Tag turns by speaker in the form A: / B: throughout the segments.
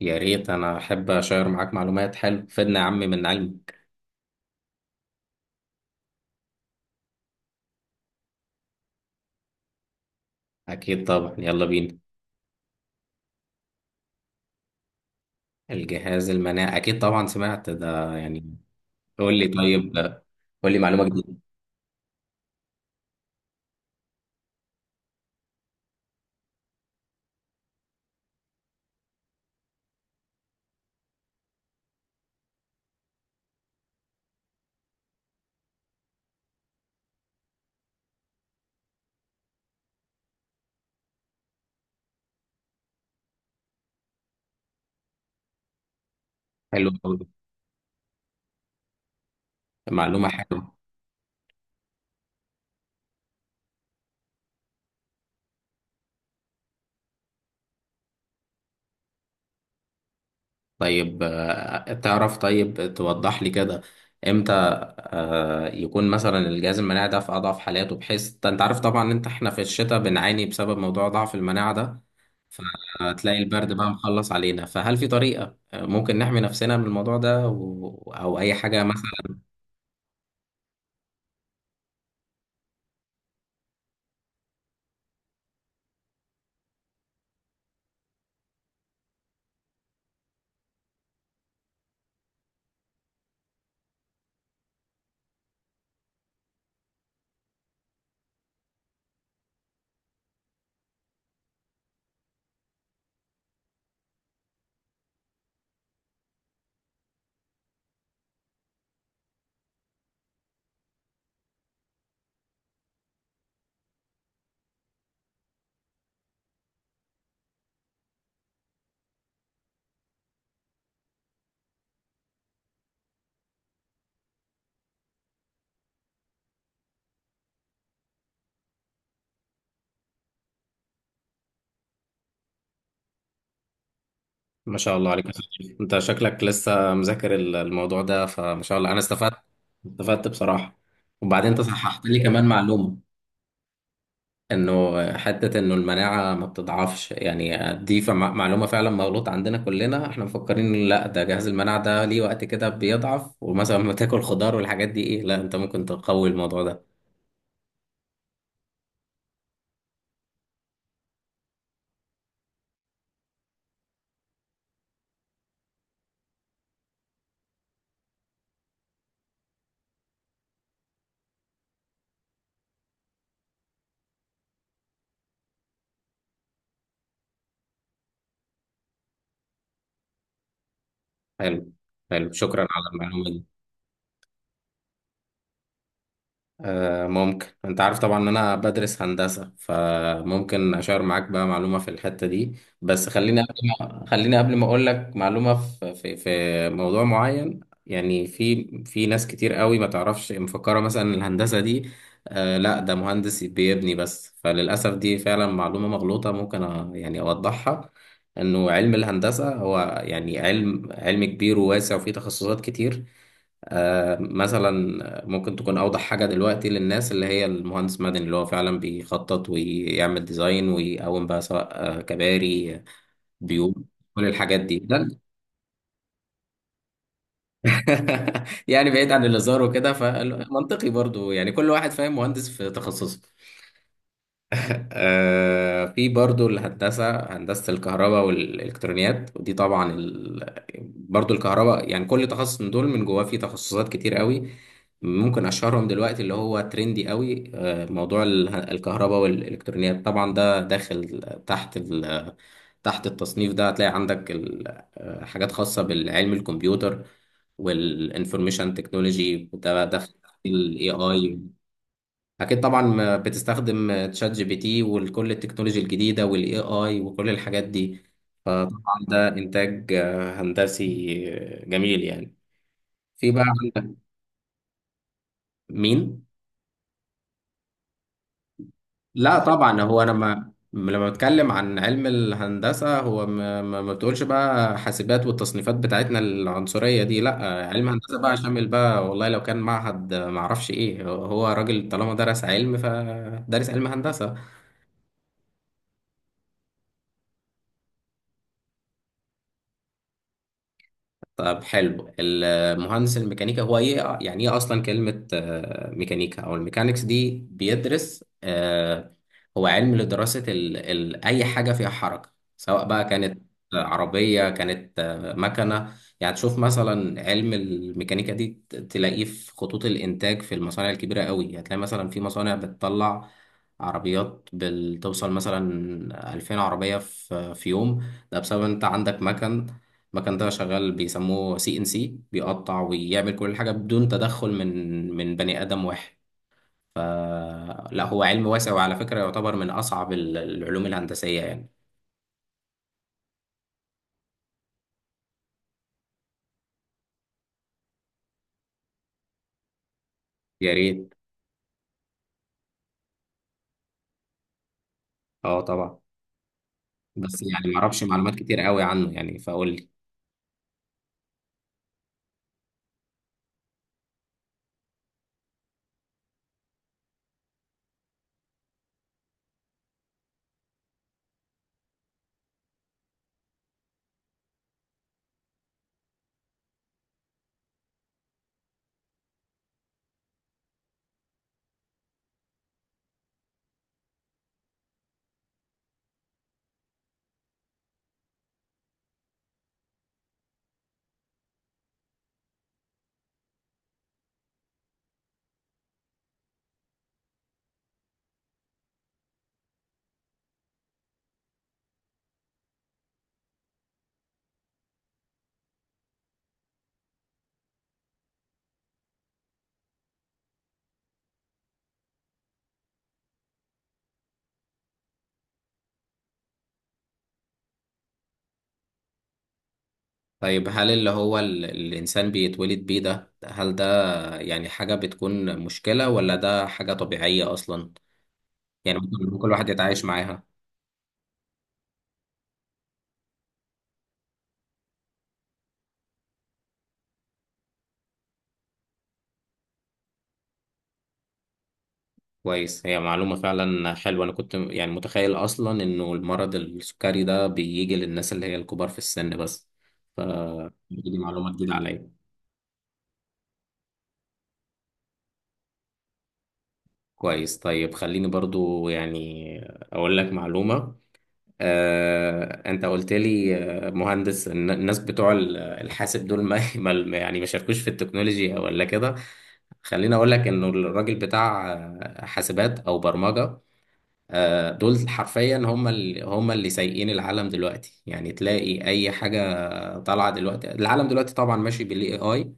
A: يا ريت انا احب اشير معاك معلومات حلو فدنا يا عم من علمي. اكيد طبعا، يلا بينا. الجهاز المناعي اكيد طبعا سمعت ده يعني. قول لي طيب، قول لي معلومة جديدة. حلوة أوي. معلومة حلوة. طيب تعرف طيب توضح لي كده امتى يكون مثلا الجهاز المناعي ده في اضعف حالاته، بحيث انت عارف طبعا ان انت احنا في الشتاء بنعاني بسبب موضوع ضعف المناعة ده. فتلاقي البرد بقى مخلص علينا، فهل في طريقة ممكن نحمي نفسنا من الموضوع ده او اي حاجة مثلا؟ ما شاء الله عليك يا صديقي، انت شكلك لسه مذاكر الموضوع ده، فما شاء الله انا استفدت، استفدت بصراحة. وبعدين انت صححت لي كمان معلومة، انه حته انه المناعه ما بتضعفش يعني، دي معلومه فعلا مغلوطه عندنا كلنا، احنا مفكرين لا ده جهاز المناعه ده ليه وقت كده بيضعف، ومثلا لما تاكل خضار والحاجات دي، ايه لا انت ممكن تقوي الموضوع ده. حلو، حلو شكرا على المعلومه دي. ممكن انت عارف طبعا ان انا بدرس هندسة، فممكن اشار معاك بقى معلومة في الحتة دي. بس خليني قبل ما اقول لك معلومة في موضوع معين. يعني في ناس كتير قوي ما تعرفش، مفكرة مثلا إن الهندسة دي آه لا ده مهندس بيبني بس، فللأسف دي فعلا معلومة مغلوطة، ممكن يعني اوضحها انه علم الهندسة هو يعني علم، علم كبير وواسع وفيه تخصصات كتير. مثلا ممكن تكون أوضح حاجة دلوقتي للناس اللي هي المهندس مدني، اللي هو فعلا بيخطط ويعمل ديزاين ويقوم بقى، سواء كباري، بيوت، كل الحاجات دي ده. يعني بعيد عن الهزار وكده، فمنطقي برضو يعني كل واحد فاهم مهندس في تخصصه. في برضو الهندسة، هندسة الكهرباء والإلكترونيات، ودي طبعا برضو الكهرباء. يعني كل تخصص من دول من جواه فيه تخصصات كتير قوي. ممكن أشهرهم دلوقتي اللي هو ترندي قوي، موضوع الكهرباء والإلكترونيات. طبعا ده داخل تحت ال... تحت التصنيف ده هتلاقي عندك حاجات خاصة بالعلم الكمبيوتر والانفورميشن تكنولوجي، ده داخل ال AI. اكيد طبعا ما بتستخدم تشات جي بي تي وكل التكنولوجيا الجديده والاي اي وكل الحاجات دي. ده انتاج هندسي، جميل يعني. في بقى عندك. مين؟ لا طبعا هو انا ما لما بتكلم عن علم الهندسه، هو ما بتقولش بقى حاسبات والتصنيفات بتاعتنا العنصريه دي. لا علم هندسه بقى شامل بقى، والله لو كان معهد، ما اعرفش ايه، هو هو راجل طالما درس علم فدرس علم هندسه. طب حلو، المهندس الميكانيكا هو ايه، يعني ايه اصلا كلمة ميكانيكا او الميكانيكس دي؟ بيدرس هو علم لدراسة ال ال اي حاجة فيها حركة، سواء بقى كانت عربية، كانت مكنة. يعني تشوف مثلا علم الميكانيكا دي تلاقيه في خطوط الانتاج في المصانع الكبيرة قوي. هتلاقي مثلا في مصانع بتطلع عربيات، بتوصل مثلا 2000 عربية في يوم. ده بسبب انت عندك مكن، المكن ده شغال بيسموه سي ان سي، بيقطع ويعمل كل حاجة بدون تدخل من بني آدم واحد. فلا هو علم واسع، وعلى فكرة يعتبر من أصعب العلوم الهندسية يعني. يا ريت. اه طبعا، بس يعني معرفش معلومات كتير قوي عنه يعني، فقول لي. طيب، هل اللي هو الإنسان بيتولد بيه ده، هل ده يعني حاجة بتكون مشكلة، ولا ده حاجة طبيعية أصلا؟ يعني ممكن، كل واحد يتعايش معاها؟ كويس، هي معلومة فعلا حلوة. أنا كنت يعني متخيل أصلا إنه المرض السكري ده بيجي للناس اللي هي الكبار في السن بس، ف دي معلومة جديدة عليا. كويس، طيب خليني برضو يعني أقول لك معلومة. أنت قلت لي مهندس الناس بتوع الحاسب دول ما يعني ما شاركوش في التكنولوجيا ولا كده. خليني أقول لك إنه الراجل بتاع حاسبات أو برمجة، دول حرفيا هم اللي، سايقين العالم دلوقتي. يعني تلاقي اي حاجه طالعه دلوقتي، العالم دلوقتي طبعا ماشي بالاي اي.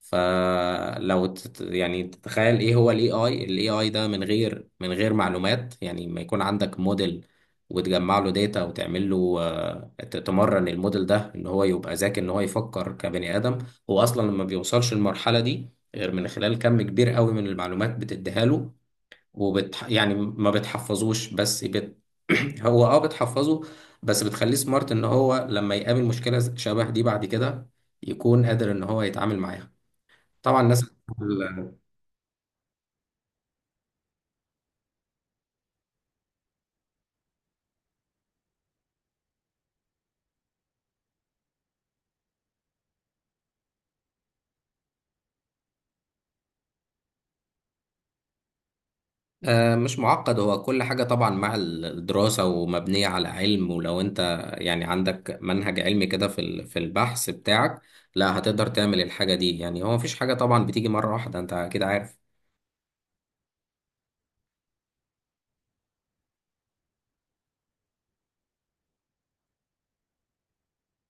A: فلو يعني تتخيل ايه هو الاي اي، الاي اي ده من غير، معلومات يعني، ما يكون عندك موديل وتجمع له داتا وتعمل له، تمرن الموديل ده ان هو يبقى ذكي، ان هو يفكر كبني ادم. هو اصلا ما بيوصلش للمرحله دي غير من خلال كم كبير قوي من المعلومات بتديها له. يعني ما بتحفظوش بس هو اه بتحفظه، بس بتخليه سمارت ان هو لما يقابل مشكلة شبه دي بعد كده يكون قادر ان هو يتعامل معاها. طبعا الناس بتقول، مش معقد، هو كل حاجة طبعا مع الدراسة ومبنية على علم. ولو انت يعني عندك منهج علمي كده في في البحث بتاعك، لا هتقدر تعمل الحاجة دي. يعني هو مفيش حاجة طبعا بتيجي مرة واحدة، انت كده عارف.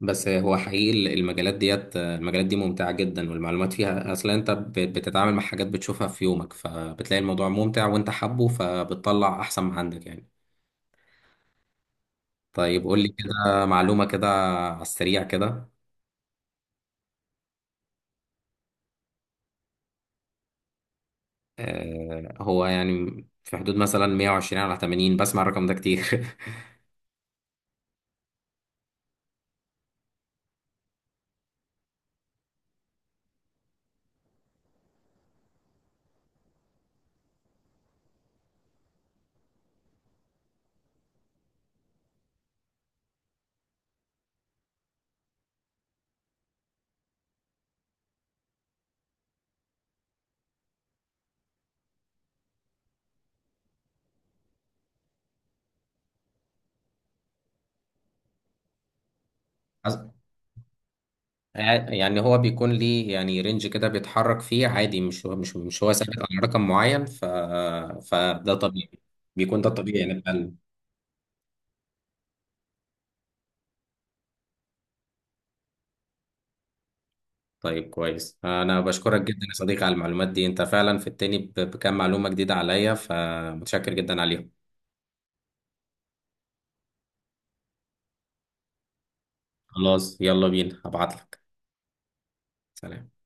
A: بس هو حقيقي المجالات ديت، المجالات دي ممتعة جدا، والمعلومات فيها أصلا أنت بتتعامل مع حاجات بتشوفها في يومك، فبتلاقي الموضوع ممتع وأنت حابه، فبتطلع أحسن ما عندك يعني. طيب، قول لي كده معلومة كده، على السريع كده. آه هو يعني في حدود مثلا 120 على 80، بسمع الرقم ده كتير. أص- يعني هو بيكون ليه يعني رينج كده بيتحرك فيه عادي، مش هو مش مش هو ثابت على رقم معين. فده طبيعي، بيكون ده الطبيعي يعني. طيب كويس، انا بشكرك جدا يا صديقي على المعلومات دي. انت فعلا في التاني بكام معلومة جديدة عليا، فمتشكر جدا عليهم. خلاص، يلا بينا هبعت لك. سلام.